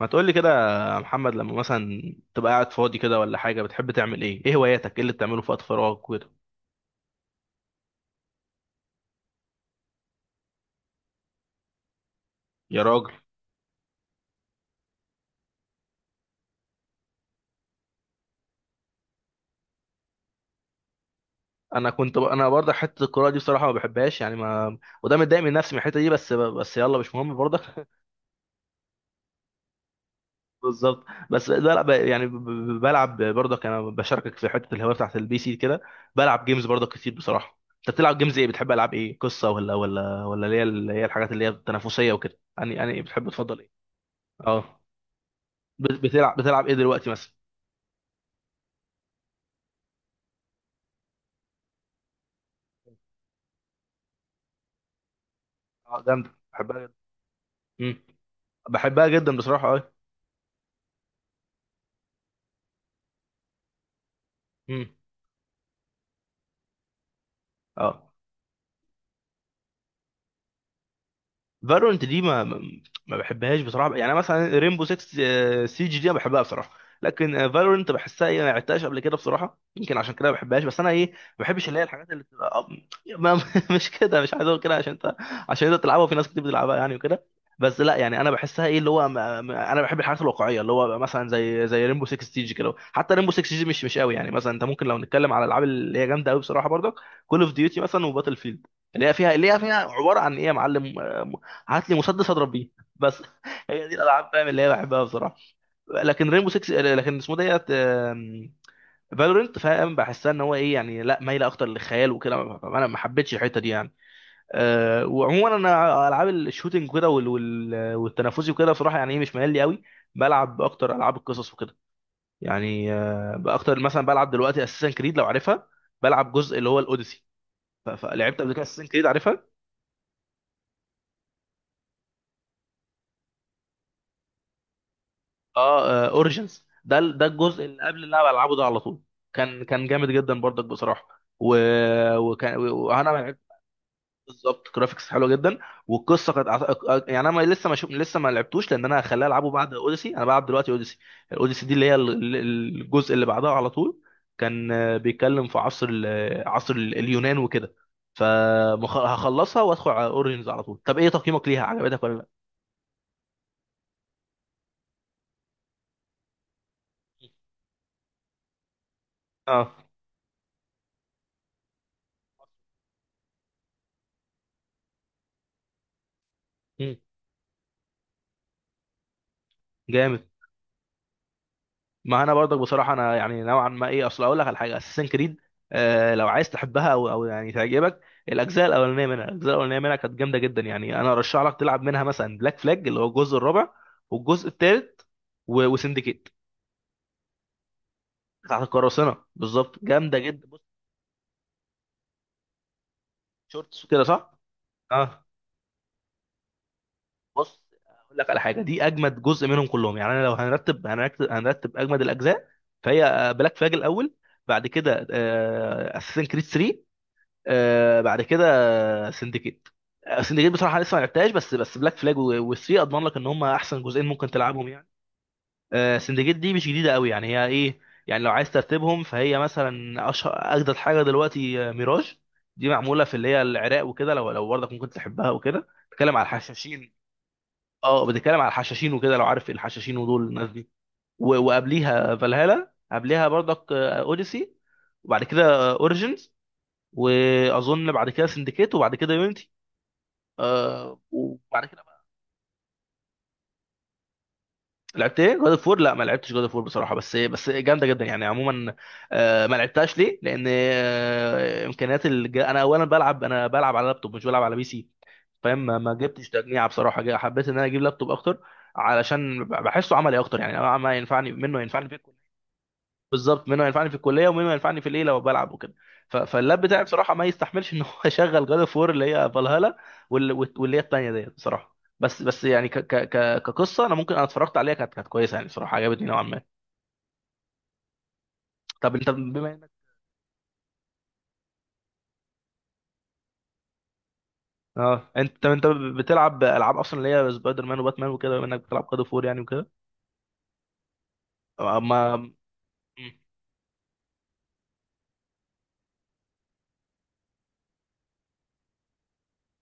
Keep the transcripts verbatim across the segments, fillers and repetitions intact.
ما تقول لي كده يا محمد، لما مثلا تبقى قاعد فاضي كده ولا حاجة بتحب تعمل ايه؟ ايه هواياتك؟ ايه اللي بتعمله في وقت فراغك وكده؟ يا راجل، انا كنت ب... انا برضه حتة القراءة دي بصراحة ما بحبهاش يعني ما. وده متضايق من نفسي من الحتة دي، بس بس يلا مش مهم برضك. بالظبط. بس لا ب... يعني ب... ب- بلعب برضك، انا بشاركك في حتة الهواية بتاعت البي سي كده. بلعب جيمز برضك كتير بصراحة. انت بتلعب جيمز ايه؟ بتحب العاب ايه؟ قصة ولا ولا ولا اللي هي اللي هي الحاجات اللي هي التنافسية وكده يعني يعني بتحب تفضل ايه؟ اه. بت- بتلعب بتلعب ايه دلوقتي مثلا؟ اه جامدة، بحبها جدا. مم. بحبها جدا بصراحة اه. مم. اه فالورنت دي ما ما ما بحبهاش بصراحه يعني. مثلا ريمبو ستة سيج دي انا بحبها بصراحه، لكن فالورنت بحسها ايه، ما لعبتهاش قبل كده بصراحه، يمكن عشان كده ما بحبهاش. بس انا ايه، ما بحبش اللي هي الحاجات اللي بتبقى أب- ما مش كده، مش عايز اقول كده عشان انت، عشان انت تلعبها وفي ناس كتير بتلعبها يعني وكده. بس لا يعني انا بحسها ايه اللي هو ما... ما... انا بحب الحاجات الواقعيه، اللي هو مثلا زي زي ريمبو ستة سيج كده. حتى ريمبو ستة سيج مش مش قوي يعني. مثلا انت ممكن لو نتكلم على الالعاب اللي هي جامده قوي بصراحه برضك، كول اوف ديوتي مثلا وباتل فيلد، اللي هي فيها اللي هي فيها عباره عن ايه يا معلم، آه، هات لي مسدس اضرب بيه بس. هي دي الالعاب، فاهم، اللي هي بحبها بصراحه. لكن رينبو ستة، لكن اسمه ديت، فالورنت، فاهم، بحسها ان هو ايه يعني، لا مايله اكتر للخيال وكده. انا ما حبيتش الحته دي يعني. أه، وعموما انا العاب الشوتينج كده وال- وال- والتنافسي وكده بصراحه يعني ايه مش ميال لي قوي. بلعب اكتر العاب القصص وكده، يعني أه اكتر مثلا بلعب دلوقتي اساسن كريد لو عارفها. بلعب جزء اللي هو الاوديسي. ف- فلعبت قبل كده اساسن كريد. اه اوريجنز، ده ال- ده الجزء اللي قبل اللي انا بلعبه ده على طول. كان كان جامد جدا برضك بصراحه. و... وكان و- وانا ما لعبت. بالظبط، جرافيكس حلوه جدا. والقصه كانت أعت- يعني انا ما- لسه ما شو... لسه ما لعبتوش، لان انا هخليها العبه بعد اوديسي، انا بلعب دلوقتي اوديسي. الاوديسي دي اللي هي ال- ال- الجزء اللي بعدها على طول. كان آه، بيتكلم في عصر ال... عصر ال- اليونان وكده. فهخلصها وادخل على اوريجنز على طول. طب ايه تقييمك ليها؟ عجبتك ولا لا؟ اه. مم. جامد. ما انا برضك بصراحه انا يعني نوعا ما ايه. اصل اقول لك على حاجه، اساسن كريد، آه، لو عايز تحبها او او يعني تعجبك، الاجزاء الاولانيه منها الاجزاء الاولانيه منها كانت جامده جدا يعني. انا ارشح لك تلعب منها مثلا بلاك فلاج اللي هو الجزء الرابع، والجزء الثالث، وسندكيت. بتاعت القراصنه، بالظبط، جامده جدا. بص، شورتس وكده صح. اه. بص، اقول لك على حاجه، دي اجمد جزء منهم كلهم يعني. انا لو هنرتب هنرتب هنرتب اجمد الاجزاء، فهي بلاك فلاج الاول، بعد كده اساسن كريد تلاتة، آه بعد كده سندكيت. آه، سندكيت بصراحه لسه ما لعبتهاش، بس بس بلاك فلاج والثري اضمن لك ان هم احسن جزئين ممكن تلعبهم يعني. آه سندكيت دي مش جديده قوي يعني، هي ايه، يعني لو عايز ترتبهم فهي مثلا اشهر اجدد حاجه دلوقتي، آه، ميراج. دي معموله في اللي هي العراق وكده، لو لو برضك ممكن تحبها وكده، بتتكلم على الحشاشين. اه، بتتكلم على الحشاشين وكده، لو عارف الحشاشين ودول الناس دي. و- وقبليها فالهالا، قبليها برضك اوديسي، وبعد كده اوريجينز، واظن بعد كده سندكيت وبعد كده يونيتي، آه وبعد كده بقى. لعبت ايه؟ جود اوف وور؟ لا ما لعبتش جود اوف وور بصراحه، بس إيه، بس جامده جدا يعني عموما. آه، ما لعبتهاش ليه، لان آه امكانيات الج... انا اولا بلعب، انا بلعب على لابتوب مش بلعب على بي سي، فاهم. ما ما جبتش تجميعه بصراحه، جا- حبيت ان انا اجيب لابتوب اكتر علشان بحسه عملي اكتر يعني. أنا ما ينفعني منه ينفعني فيه، بالظبط، منه ينفعني في الكليه، ومنه ينفعني في الايه، لو بلعب وكده. ف- فاللاب بتاعي بصراحه ما يستحملش ان هو يشغل جاد اوف وور اللي هي فالهالا، وال- وال- واللي هي الثانيه ديت بصراحه. بس بس يعني ك ك ك كقصه انا ممكن، انا اتفرجت عليها، كانت كانت كويسه يعني بصراحه، عجبتني نوعا ما. طب انت بما انك، اه انت، طب انت بتلعب العاب اصلا اللي هي سبايدر مان وباتمان وكده، بما انك بتلعب جاد اوف وور يعني وكده؟ آه، ما.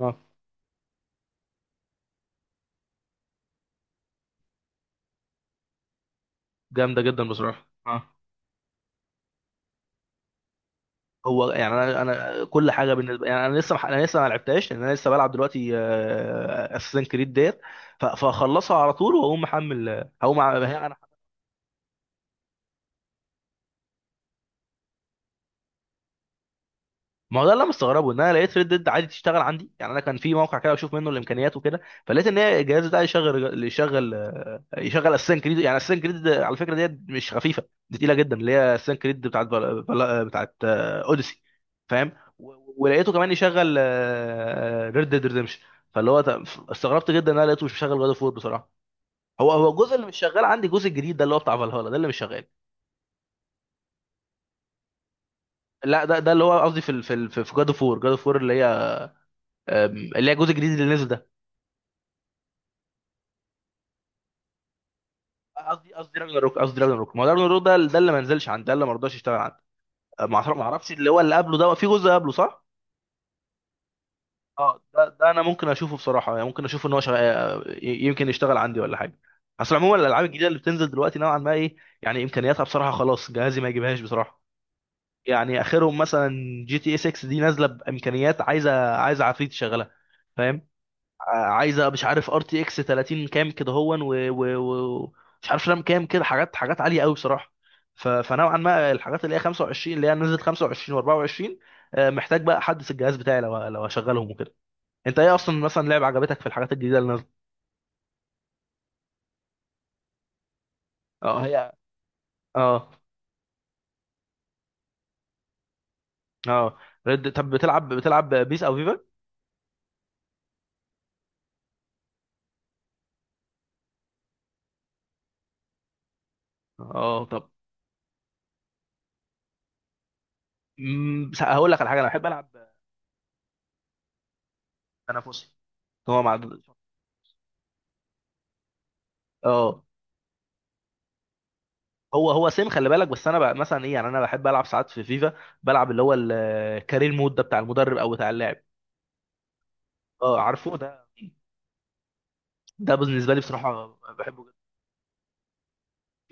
اه جامده جدا بصراحه اه. هو يعني انا انا كل حاجه بالنسبه يعني، انا لسه انا لسه ما لعبتهاش، لان انا لسه بلعب دلوقتي اساسن كريد ديت. ف- فاخلصها على طول واقوم محمل، هقوم أع- ما هو ده اللي أنا مستغربه، ان انا لقيت ريد ديد عادي تشتغل عندي يعني. انا كان في موقع كده بشوف منه الامكانيات وكده، فلقيت ان هي الجهاز ده يشغل، يشغل آه، يشغل اساسن كريد. يعني اساسن كريد على فكره ديت مش خفيفه، دي تقيله جدا، اللي هي اساسن كريد بتاعت بل... بل... بتاعت آه، اوديسي، فاهم. و- ولقيته كمان يشغل ريد ديد ريدمشن. فاللي هو ت- استغربت جدا ان انا لقيته مش مشغل جاد اوف وور بصراحه. هو هو الجزء اللي مش شغال عندي، الجزء الجديد ده اللي هو بتاع فالهالا ده اللي مش شغال. لا ده ده اللي هو قصدي في ال- في ال- في جاد اوف وور جاد اوف وور اللي هي آم، اللي هي الجزء الجديد اللي نزل ده. قصدي قصدي راجناروك، قصدي راجناروك، ما هو راجناروك ده ده اللي ما نزلش عندي، ده اللي ما رضاش يشتغل عندي. ما أعرف- ما اعرفش اللي هو اللي قبله، ده في جزء قبله صح؟ اه ده, ده, انا ممكن اشوفه بصراحه يعني، ممكن اشوف ان هو شغ... آه، ي- يمكن يشتغل عندي ولا حاجه. اصل عموما الالعاب الجديده اللي بتنزل دلوقتي نوعا ما ايه يعني، امكانياتها بصراحه خلاص جهازي ما يجيبهاش بصراحه. يعني اخرهم مثلا جي تي اي ستة دي نازله بامكانيات، عايزه عايزه عفريت يشغلها، فاهم. عايزه مش عارف ار تي اكس تلاتين كام كده هون، و- و- و- مش عارف رام كام كده، حاجات حاجات عاليه قوي بصراحه. ف- فنوعا ما الحاجات اللي هي خمسة وعشرين، اللي هي نزلت خمسة وعشرين و24، محتاج بقى احدث الجهاز بتاعي لو لو هشغلهم وكده. انت ايه اصلا مثلا لعبه عجبتك في الحاجات الجديده اللي نازله؟ اه هي. اه. اه رد. طب بتلعب بتلعب بيس او فيفا؟ اه طب. مم، هقول لك على حاجه، انا بحب العب تنافسي. هو مع. اه. هو هو سيم، خلي بالك، بس انا بقى مثلا ايه يعني، انا بحب العب ساعات في فيفا، بلعب اللي هو الكارير مود ده بتاع المدرب او بتاع اللاعب. اه عارفه ده. ده بالنسبه لي بصراحه بحبه جدا.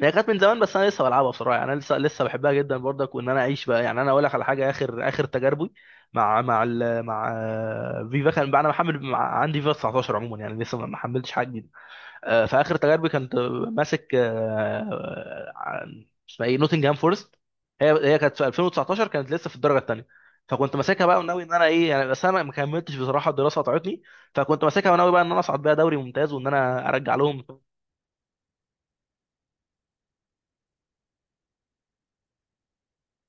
هي كانت من زمان بس انا لسه بلعبها بصراحه يعني، انا لسه لسه بحبها جدا برضك، وان انا اعيش بقى يعني. انا اقول لك على حاجه، اخر اخر تجاربي مع مع ال مع آه، فيفا كان بقى، انا محمل مع- عندي فيفا تسعتاشر عموما يعني، لسه ما ما حملتش حاجه جديده. آه، في اخر تجاربي كنت ماسك آه، عن- اسمها ايه نوتنجهام فورست. هي هي كانت في الفين وتسعتاشر كانت لسه في الدرجه الثانيه، فكنت ماسكها بقى وناوي ان انا ايه يعني، بس انا ما كملتش بصراحه، الدراسه قطعتني. فكنت ماسكها وناوي بقى ان انا اصعد بيها دوري ممتاز وان انا ارجع لهم.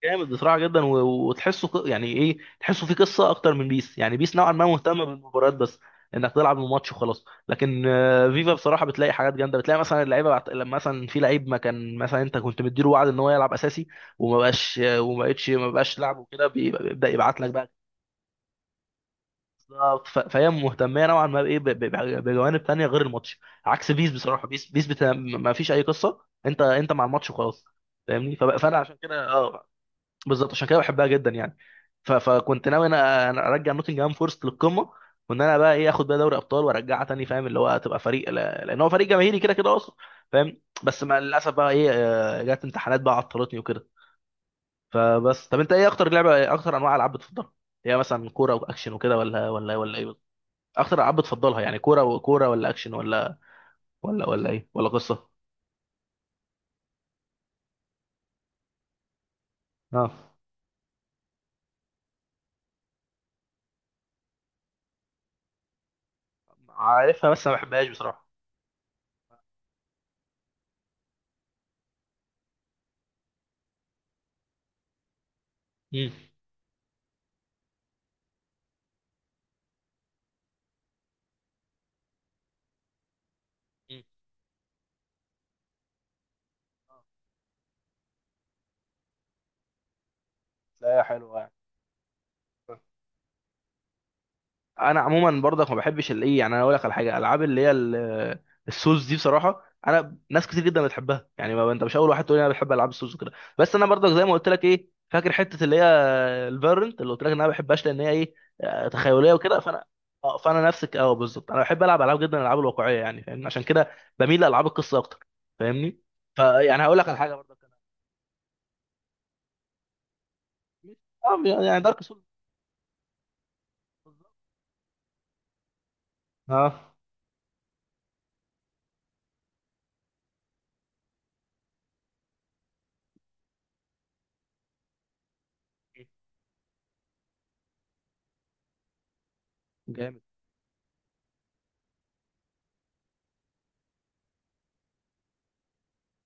جامد بصراحه جدا، و- وتحسه ق- يعني ايه، تحسه في قصه اكتر من بيس. يعني بيس نوعا ما مهتمه بالمباريات بس، انك تلعب الماتش وخلاص، لكن آه، فيفا بصراحه بتلاقي حاجات جامده. بتلاقي مثلا اللعيبه بعت... لما مثلا في لعيب ما كان مثلا انت كنت مديله وعد ان هو يلعب اساسي، وما بقاش، آه، وما بقتش، ما بقاش لعب وكده، بيبقى- بيبدا يبعت لك بقى، بالظبط. ف- فهي مهتمه نوعا ما بايه، ب- ب- بجوانب تانية غير الماتش، عكس بيس بصراحه. بيس بيس بتا... ما فيش اي قصه، انت انت مع الماتش وخلاص، فاهمني. فب- فانا عشان كده اه، بالظبط، عشان كده بحبها جدا يعني. ف... فكنت ناوي، انا أنا ارجع نوتنجهام فورست للقمه، وان انا بقى ايه، اخد بقى دوري ابطال، وارجعها تاني، فاهم، اللي هو تبقى فريق لا- لان هو فريق جماهيري كده كده اصلا، فاهم. بس مع للاسف بقى ايه، آه، جت امتحانات بقى عطلتني وكده. فبس، طب انت ايه اكتر لعبه، إيه اكتر انواع العاب بتفضلها؟ هي مثلا كوره واكشن وكده ولا ولا ولا ايه؟ اكتر العاب بتفضلها يعني، كوره وكوره ولا اكشن، ولا ولا ولا ايه، ولا قصه؟ اه عارفها بس ما بحبهاش بصراحه. امم. لا يا حلوة يعني. انا عموما برضك ما بحبش الايه يعني. انا اقول لك على حاجه، العاب اللي هي ال- السوز دي بصراحه، انا ناس كتير جدا بتحبها يعني، ما انت مش اول واحد تقول لي انا بحب العاب السوز وكده. بس انا برضك زي ما قلت لك، ايه، فاكر حته اللي هي الفيرنت، اللي قلت لك ان انا ما بحبهاش لان هي ايه آه، تخيليه وكده، فانا اه، فانا نفسك اه، بالظبط، انا بحب العب، العاب جدا الالعاب الواقعيه يعني فاهمني، عشان كده بميل لالعاب القصه اكتر، فاهمني. فيعني هقول لك على حاجه برضك، اه يعني دارك سولز. بالظبط. اه جامد.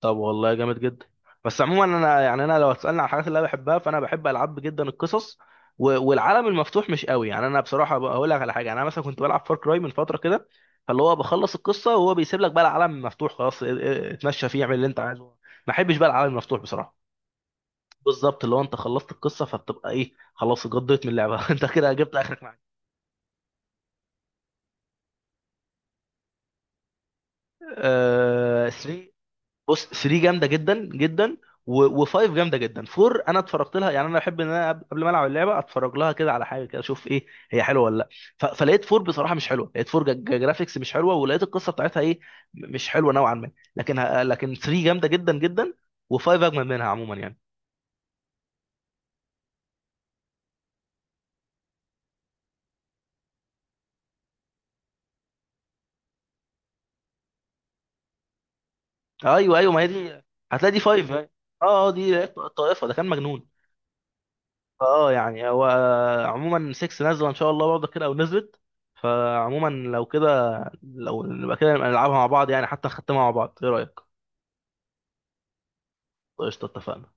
طب والله جامد جدا. بس عموما انا يعني، انا لو هتسالني على الحاجات اللي انا بحبها، فانا بحب العاب جدا القصص، و- والعالم المفتوح مش قوي يعني. انا بصراحه بقى هقول لك على حاجه، انا مثلا كنت بلعب فار كراي من فتره كده، فاللي هو بخلص القصه وهو بيسيب لك بقى العالم مفتوح خلاص، ا- ا- اتمشى فيه اعمل اللي انت عايزه. ما احبش بقى العالم المفتوح بصراحه. بالظبط، اللي هو انت خلصت القصه فبتبقى ايه، خلاص اتقضيت من اللعبه. انت كده جبت اخرك معاك. تلاتة. بص، تلاتة جامده جدا جدا، و5 جامده جدا. اربعة انا اتفرجت لها يعني، انا بحب ان انا قبل ما العب اللعبه اتفرج لها كده على حاجه كده، اشوف ايه، هي حلوه ولا لا. ف- فلقيت اربعة بصراحه مش حلوه، لقيت اربعة جا- جا- جرافيكس مش حلوه، ولقيت القصه بتاعتها ايه، م- مش حلوه نوعا ما. لكن ه- لكن تلاتة جامده جدا جدا، و5 اجمل منها عموما يعني. ايوه ايوه، ما هي دي. هتلاقي دي خمسة. اه اه، دي الطائفه، ده كان مجنون. اه يعني هو، عموما ستة نازله ان شاء الله برضه كده، او نزلت. فعموما لو كده، لو نبقى كده نبقى نلعبها مع بعض يعني، حتى نختمها مع بعض، ايه رايك؟ قشطه، اتفقنا.